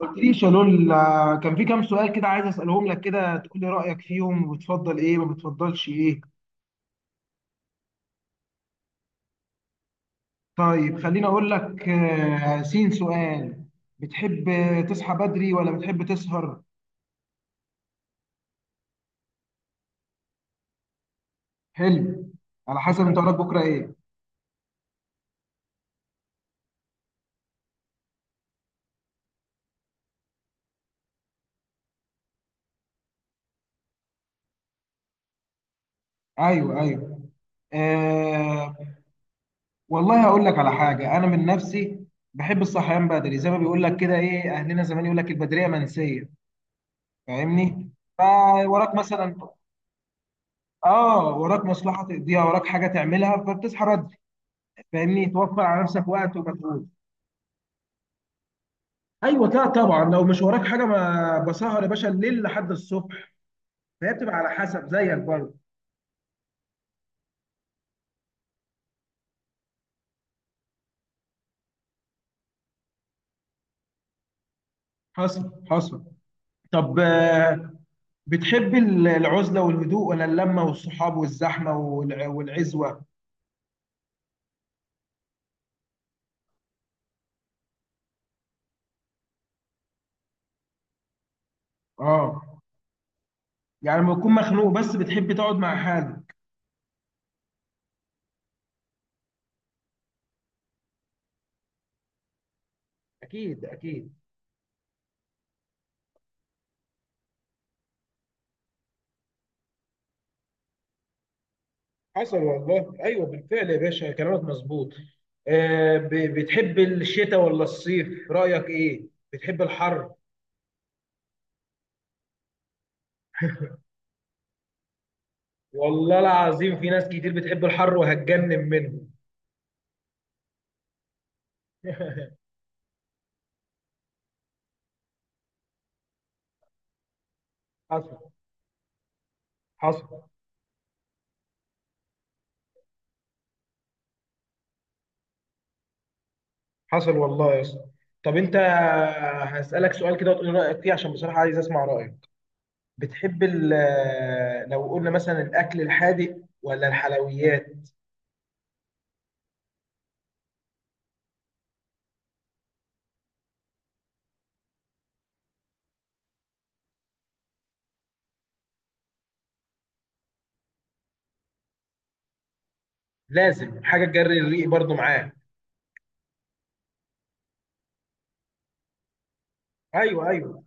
قلتليش يا لول، كان في كام سؤال كده عايز اسالهم لك كده تقول لي رايك فيهم وبتفضل ايه ما بتفضلش ايه؟ طيب خليني اقول لك، سين سؤال. بتحب تصحى بدري ولا بتحب تسهر؟ حلو. على حسب انت وراك بكره ايه. ايوه ايوه آه. والله هقول لك على حاجه، انا من نفسي بحب الصحيان بدري، زي ما بيقول لك كده ايه اهلنا زمان، يقول لك البدريه منسيه. فاهمني؟ فوراك مثلا. اه، وراك مصلحه تقضيها، وراك حاجه تعملها، فبتصحى بدري. فاهمني؟ توفر على نفسك وقت ومجهود. ايوه، لا طبعا لو مش وراك حاجه ما بسهر يا باشا الليل لحد الصبح. فهي بتبقى على حسب زيك برضه. حصل حصل. طب، بتحب العزله والهدوء ولا اللمه والصحاب والزحمه والعزوه؟ اه. يعني لما تكون مخنوق بس بتحب تقعد مع حالك. اكيد اكيد. حصل والله، ايوه بالفعل يا باشا كلامك مظبوط. آه، بتحب الشتاء ولا الصيف؟ رايك ايه؟ بتحب الحر؟ والله العظيم في ناس كتير بتحب الحر وهتجنن منه. حصل. حصل. حصل والله يا اسطى. طب انت، هسألك سؤال كده وتقول لي رأيك فيه عشان بصراحة عايز اسمع رأيك. بتحب لو قلنا مثلا الاكل الحادق ولا الحلويات؟ لازم حاجة تجري الريق برضو معاه. ايوه ايوه.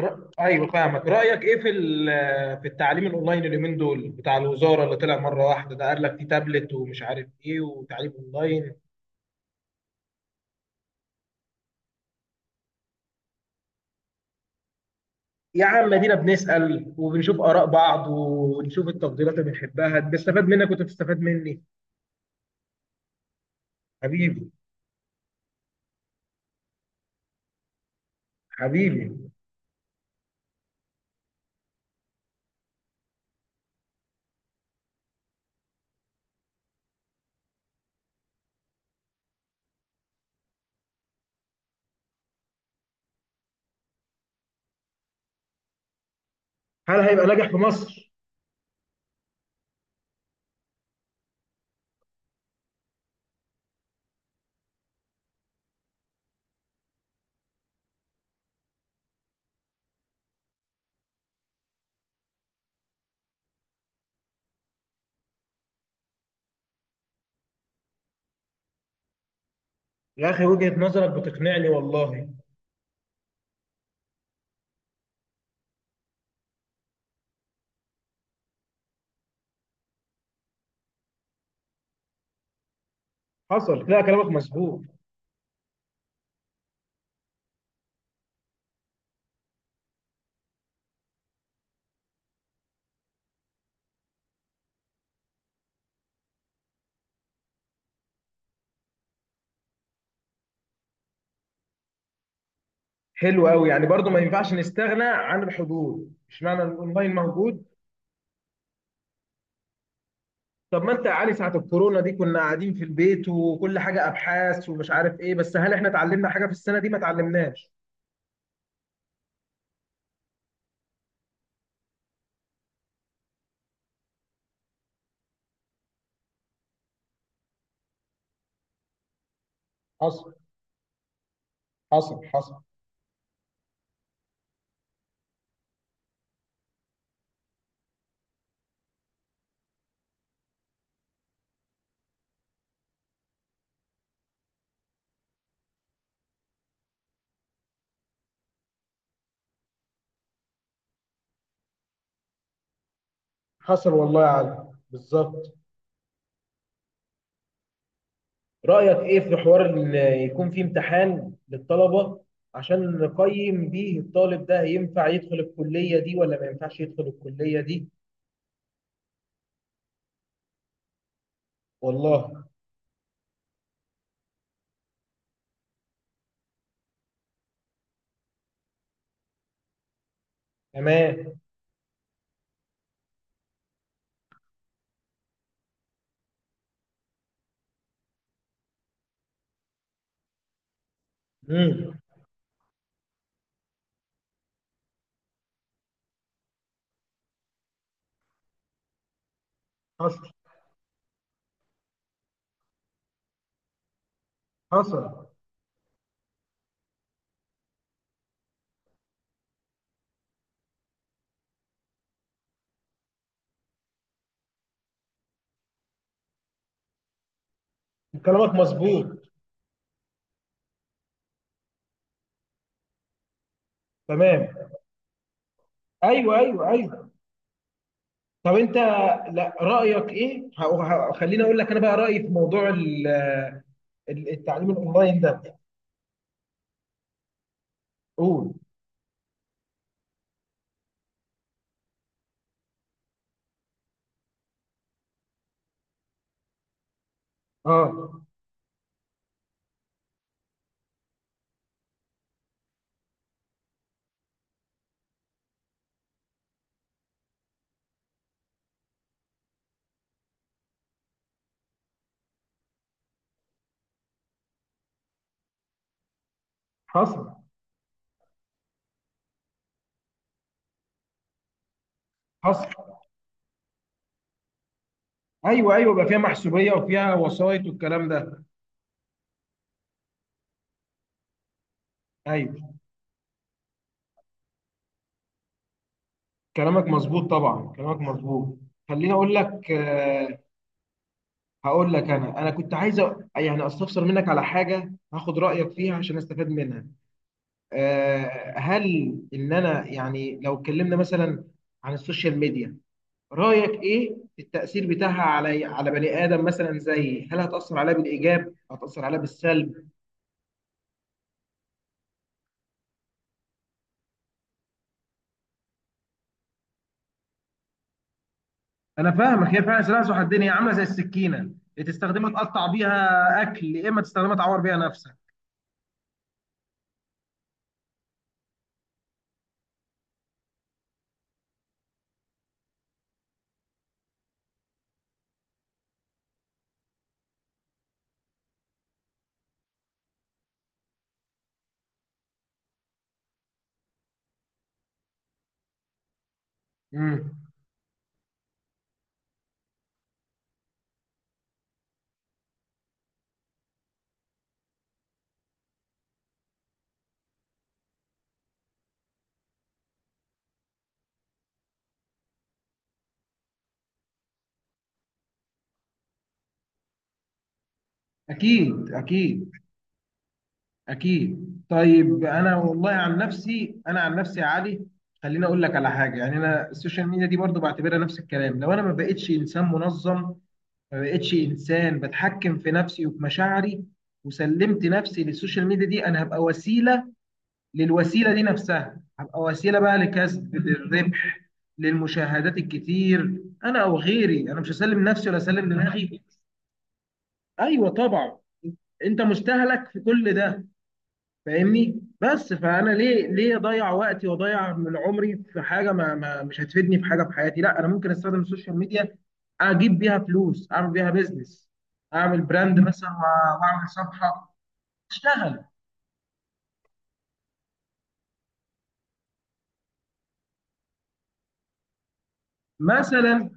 ايوه فاهمك. رايك ايه في في التعليم الاونلاين اليومين دول، بتاع الوزاره اللي طلع مره واحده ده، قال لك في تابلت ومش عارف ايه وتعليم اونلاين؟ يا عم ادينا بنسال وبنشوف اراء بعض ونشوف التفضيلات اللي بنحبها، بستفاد منك وانت بتستفاد مني. حبيبي. حبيبي. هل هيبقى ناجح في مصر؟ يا اخي وجهه نظرك بتقنعني والله. حصل، لا كلامك مظبوط. حلو قوي، يعني برضو ما ينفعش نستغنى عن الحضور، مش معنى إن الاونلاين موجود. طب ما انت يا علي ساعة الكورونا دي كنا قاعدين في البيت، وكل حاجة ابحاث ومش عارف ايه، بس هل احنا اتعلمنا حاجة في السنة دي ما اتعلمناش؟ حصل حصل. حصل. حصل والله يا علي بالظبط. رأيك ايه في حوار ان يكون في امتحان للطلبة، عشان نقيم بيه الطالب ده ينفع يدخل الكلية دي ولا ما ينفعش يدخل الكلية دي؟ والله. تمام. امم. حصل. حصل. كلامك مظبوط. تمام. ايوه ايوه ايوه. طب انت، لا رايك ايه خليني اقول لك انا بقى رايي في موضوع التعليم الاونلاين ده. قول. اه. حصل حصل. ايوه ايوه، بقى فيها محسوبيه وفيها وسايط والكلام ده. ايوه. كلامك مظبوط طبعا، كلامك مظبوط. خليني اقول لك آه، هقول لك، انا انا كنت عايز يعني استفسر منك على حاجه هاخد رايك فيها عشان استفاد منها. آه، هل ان انا يعني لو اتكلمنا مثلا عن السوشيال ميديا، رايك ايه في التاثير بتاعها على على بني ادم مثلا؟ زي هل هتاثر عليه بالايجاب هتاثر عليه بالسلب؟ انا فاهمك، هي فعلا سلاح ذو حدين، هي عامله زي السكينه، يا تستخدمها تقطع بيها اكل يا اما تستخدمها تعور بيها نفسك. امم. اكيد اكيد. اكيد. طيب انا والله عن نفسي، انا عن نفسي يا علي، خليني اقول لك على حاجه. يعني انا السوشيال ميديا دي برضو بعتبرها نفس الكلام، لو انا ما بقتش انسان منظم، ما بقتش انسان بتحكم في نفسي وفي مشاعري، وسلمت نفسي للسوشيال ميديا دي، انا هبقى وسيله. للوسيله دي نفسها هبقى وسيله بقى، لكسب للربح، للمشاهدات الكتير، انا او غيري. انا مش هسلم نفسي ولا اسلم دماغي. ايوه طبعا. انت مستهلك في كل ده. فاهمني؟ بس فانا ليه ليه اضيع وقتي واضيع من عمري في حاجه ما مش هتفيدني في حاجه في حياتي؟ لا، انا ممكن استخدم السوشيال ميديا، اجيب بيها فلوس، اعمل بيها بيزنس، اعمل براند مثلا واعمل صفحه، اشتغل مثلا.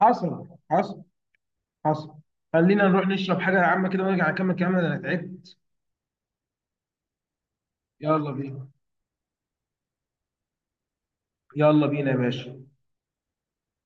حصل حصل. حصل. خلينا نروح نشرب حاجه عامه كده ونرجع نكمل كلامنا ده، انا تعبت. يلا بينا. يلا بينا يا باشا.